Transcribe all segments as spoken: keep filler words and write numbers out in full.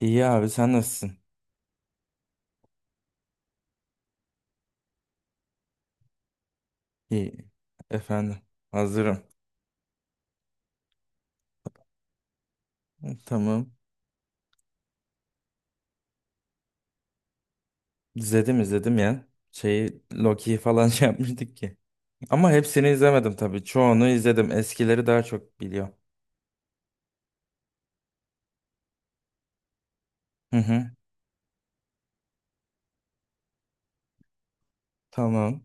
İyi abi sen nasılsın? İyi. Efendim hazırım. Tamam. İzledim izledim ya. Şeyi Loki'yi falan şey yapmıştık ki. Ama hepsini izlemedim tabii. Çoğunu izledim. Eskileri daha çok biliyorum. Hı hı. Tamam.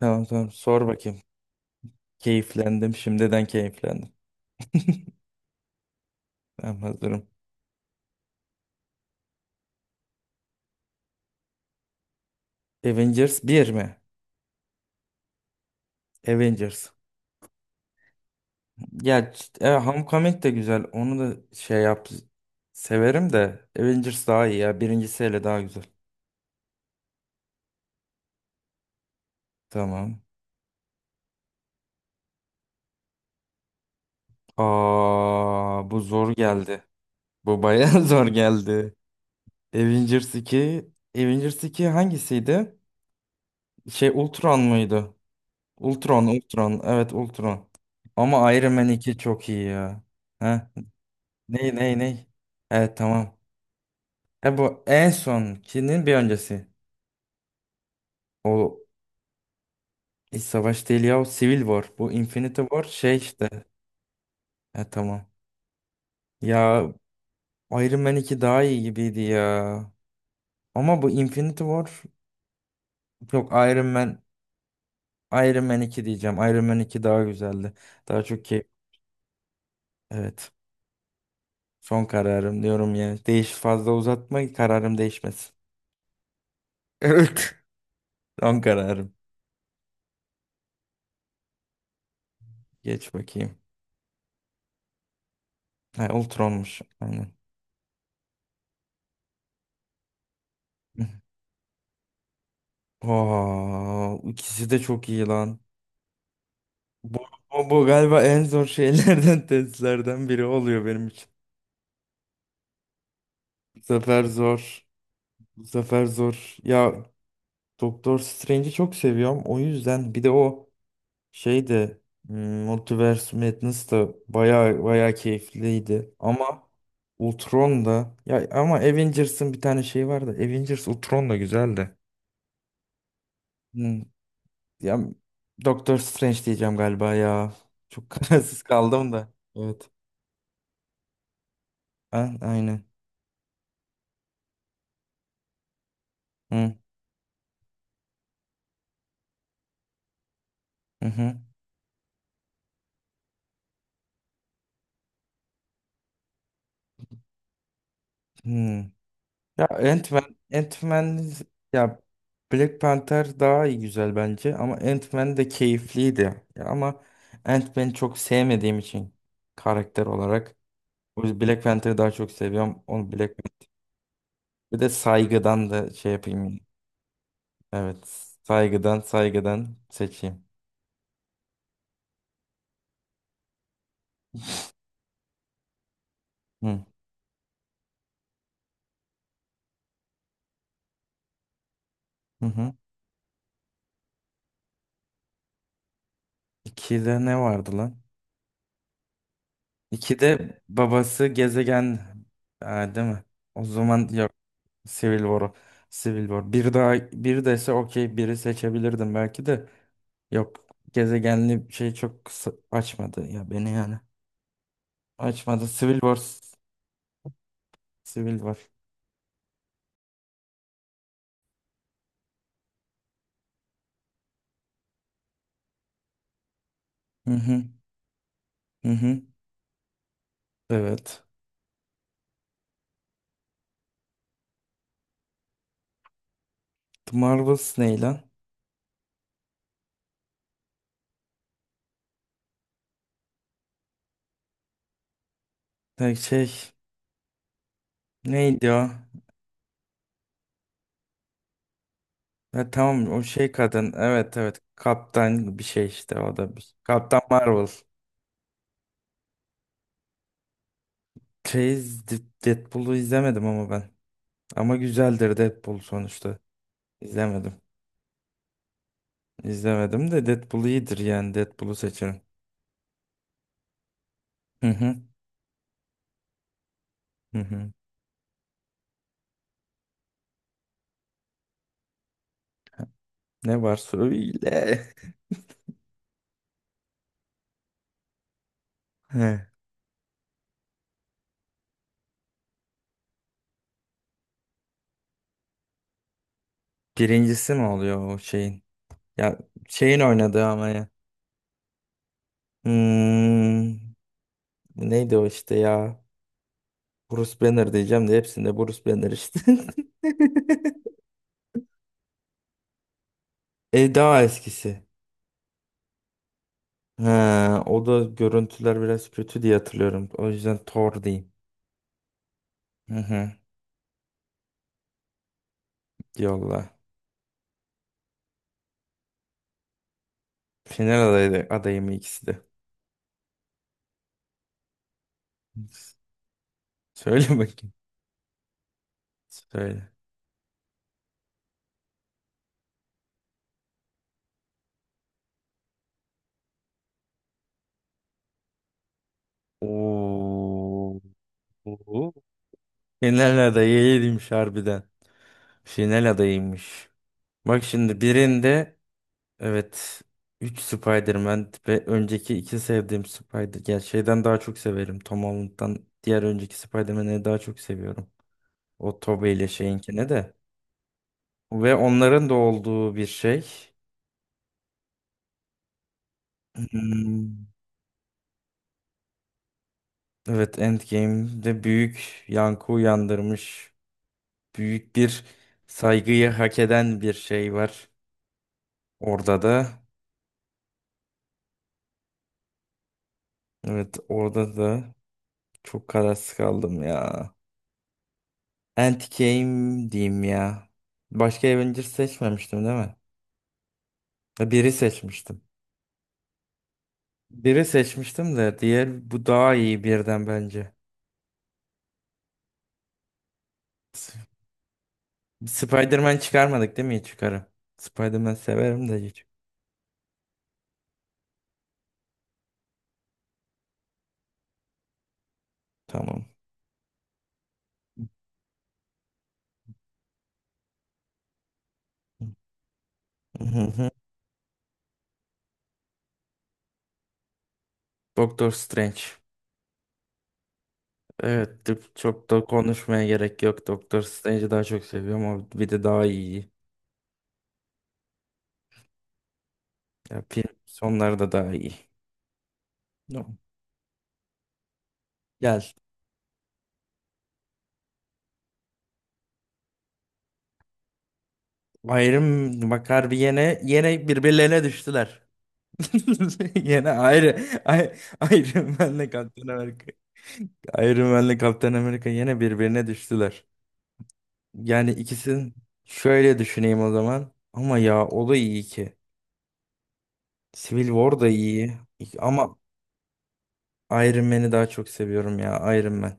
Tamam tamam. Sor bakayım. Keyiflendim. Şimdiden keyiflendim. Ben hazırım. Avengers bir mi? Avengers. Ya c- e, Homecoming de güzel. Onu da şey yap. Severim de Avengers daha iyi ya. Birincisi hele daha güzel. Tamam. Aa, bu zor geldi. Bu bayağı zor geldi. Avengers iki, Avengers iki hangisiydi? Şey Ultron muydu? Ultron, Ultron. Evet, Ultron. Ama Iron Man iki çok iyi ya. Ha? Ney ney ney? Evet tamam. E bu en sonkinin bir öncesi. O hiç savaş değil ya. O Civil War. Bu Infinity War şey işte. E tamam. Ya Iron Man iki daha iyi gibiydi ya. Ama bu Infinity War. Yok Iron Man. Iron Man iki diyeceğim. Iron Man iki daha güzeldi. Daha çok keyif. Evet. Son kararım diyorum ya. Değiş fazla uzatma kararım değişmesin. Evet. Son kararım. Geç bakayım. Ha, Ultron'muş. Aynen. Oo, ikisi de çok iyi lan. Bu, bu, bu galiba en zor şeylerden testlerden biri oluyor benim için. Bu sefer zor. Bu sefer zor. Ya Doktor Strange'i çok seviyorum. O yüzden bir de o şey de hmm, Multiverse Madness da baya baya keyifliydi. Ama Ultron da ya ama Avengers'ın bir tane şeyi vardı. Avengers Ultron da güzeldi. Hmm, ya Doctor Strange diyeceğim galiba ya. Çok kararsız kaldım da. Evet. A- aynen. Hı hı. Hı. Hı. Ya Ant-Man, Ant-Man ya Black Panther daha iyi güzel bence ama Ant-Man de keyifliydi. Ya ama Ant-Man'i çok sevmediğim için karakter olarak o yüzden Black Panther'ı daha çok seviyorum. Onu Black Panther. Bir de saygıdan da şey yapayım. Evet. Saygıdan saygıdan seçeyim. Hı hı. Hı. İkide ne vardı lan? İkide babası gezegen, ha, değil mi? O zaman Civil War'u. Civil War. Bir daha bir dese okey biri seçebilirdim belki de. Yok gezegenli şey çok kısa- açmadı ya beni yani. Açmadı. Civil War. Civil War. Hı hı. Hı hı. Evet. The Marvels ne lan? Ha, şey neydi o? Ha, tamam o şey kadın. Evet evet. Kaptan bir şey işte o da bir. Kaptan Marvel. Şey, Deadpool'u izlemedim ama ben. Ama güzeldir Deadpool sonuçta. İzlemedim. İzlemedim de Deadpool iyidir yani Deadpool'u seçerim. Hı hı. Hı hı. Ne var söyle. He. Birincisi mi oluyor o şeyin? Ya şeyin oynadığı ama ya. Hmm, neydi o işte ya? Bruce Banner diyeceğim de hepsinde Bruce Banner işte. E daha eskisi. Ha, o da görüntüler biraz kötü diye hatırlıyorum. O yüzden Thor diyeyim. Hı hı. Yolla. Final adayı, adayı mı ikisi de? Söyle bakayım. Söyle. Oo. Final adayıymış harbiden. Final adayıymış. Bak şimdi birinde evet üç Spider-Man ve önceki iki sevdiğim Spider ya şeyden daha çok severim. Tom Holland'dan diğer önceki Spider-Man'i daha çok seviyorum. O Tobey ile şeyinkine de. Ve onların da olduğu bir şey. Hmm, evet Endgame'de büyük yankı uyandırmış. Büyük bir saygıyı hak eden bir şey var. Orada da evet orada da çok kararsız kaldım ya. Endgame diyeyim ya. Başka Avengers seçmemiştim değil mi? Ya biri seçmiştim. Biri seçmiştim de diğer bu daha iyi birden bence. S- Spider-Man çıkarmadık değil mi? Hiç çıkarım. Spider-Man severim de hiç. Tamam. Hı hı. Doctor Strange. Evet tıp- çok da konuşmaya gerek yok. Doctor Strange'i daha çok seviyorum. Ama bir de daha iyi. Ya film sonları da daha iyi. Gel. Ayrım bakar bir yene yine birbirlerine düştüler. Yine ayrı ay, Iron Man'le Kaptan Amerika. Iron Man'le Kaptan Amerika yine birbirine düştüler. Yani ikisini şöyle düşüneyim o zaman. Ama ya o da iyi ki. Civil War da iyi. Ama Iron Man'i daha çok seviyorum ya. Iron Man.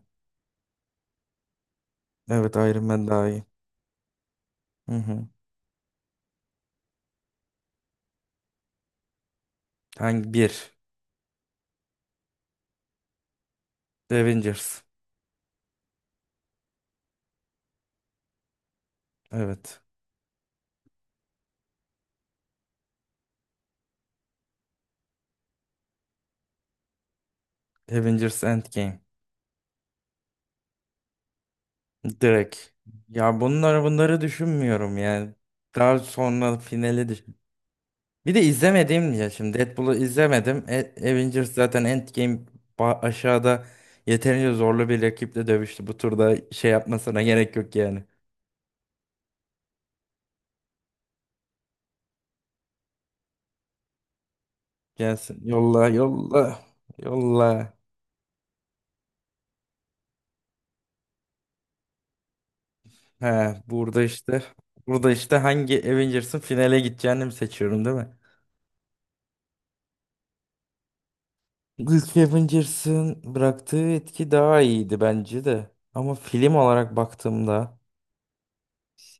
Evet Iron Man daha iyi. Hı hı. Hangi bir? Avengers. Evet. Avengers Endgame. Direkt. Ya bunları bunları düşünmüyorum yani. Daha sonra finali düşün. Bir de izlemediğim ya şimdi Deadpool'u izlemedim. E- Avengers zaten Endgame ba- aşağıda yeterince zorlu bir rakiple dövüştü. Bu turda şey yapmasına gerek yok yani. Gelsin yolla yolla yolla. He burada işte burada işte hangi Avengers'ın finale gideceğini mi seçiyorum değil mi? İlk Avengers'ın bıraktığı etki daha iyiydi bence de. Ama film olarak baktığımda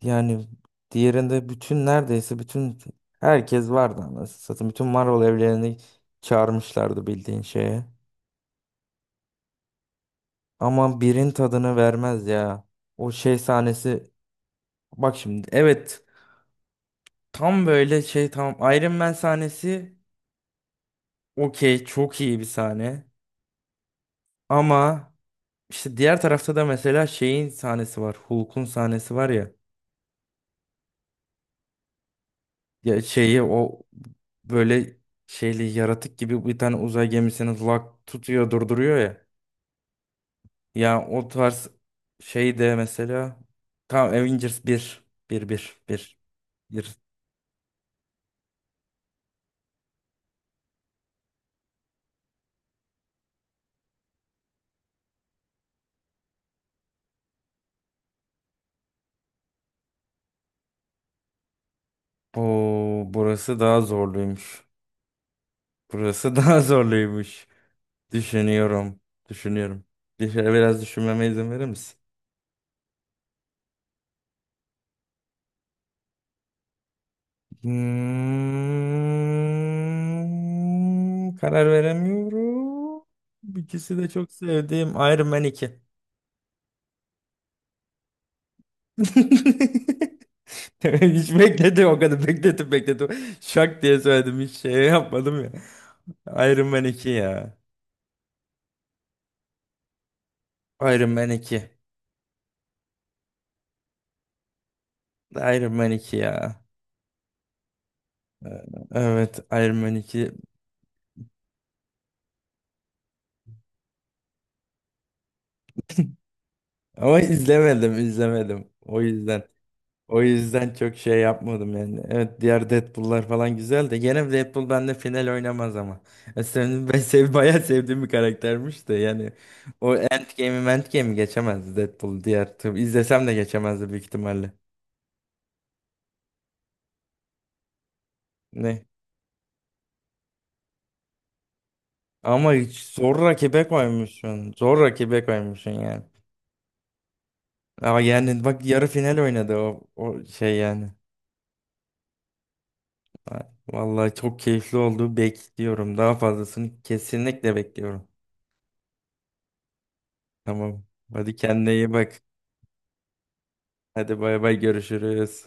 yani diğerinde bütün neredeyse bütün herkes vardı anasını satayım. Bütün Marvel evlerini çağırmışlardı bildiğin şeye. Ama birin tadını vermez ya. O şey sahnesi bak şimdi evet tam böyle şey tam Iron Man sahnesi okey çok iyi bir sahne. Ama işte diğer tarafta da mesela şeyin sahnesi var. Hulk'un sahnesi var ya. Ya şeyi o böyle şeyli yaratık gibi bir tane uzay gemisini lak tutuyor durduruyor ya. Yani o tarz şey de mesela tam Avengers bir bir bir bir bir Oo, burası daha zorluymuş. Burası daha zorluymuş. Düşünüyorum. Düşünüyorum. Bir şey biraz düşünmeme izin verir misin? Hmm, karar veremiyorum. İkisi de çok sevdiğim Iron Man iki. Hiç bekledim o kadar bekledim bekledim. Şak diye söyledim hiç şey yapmadım ya. Iron Man iki ya. Iron Man iki, Iron Man iki ya. Evet Iron Man iki. Ama izlemedim izlemedim. O yüzden. O yüzden çok şey yapmadım yani. Evet diğer Deadpool'lar falan güzel de gene Deadpool bende final oynamaz ama. E, senin, ben sev, bayağı sevdiğim bir karaktermiş de yani. O Endgame'i Endgame'i geçemezdi Deadpool diğer. Tabii izlesem de geçemezdi büyük ihtimalle. Ne? Ama hiç zor rakibe koymuşsun. Zor rakibe koymuşsun yani. Ama yani bak yarı final oynadı o, o şey yani. Ha, vallahi çok keyifli oldu. Bekliyorum. Daha fazlasını kesinlikle bekliyorum. Tamam. Hadi kendine iyi bak. Hadi bay bay görüşürüz.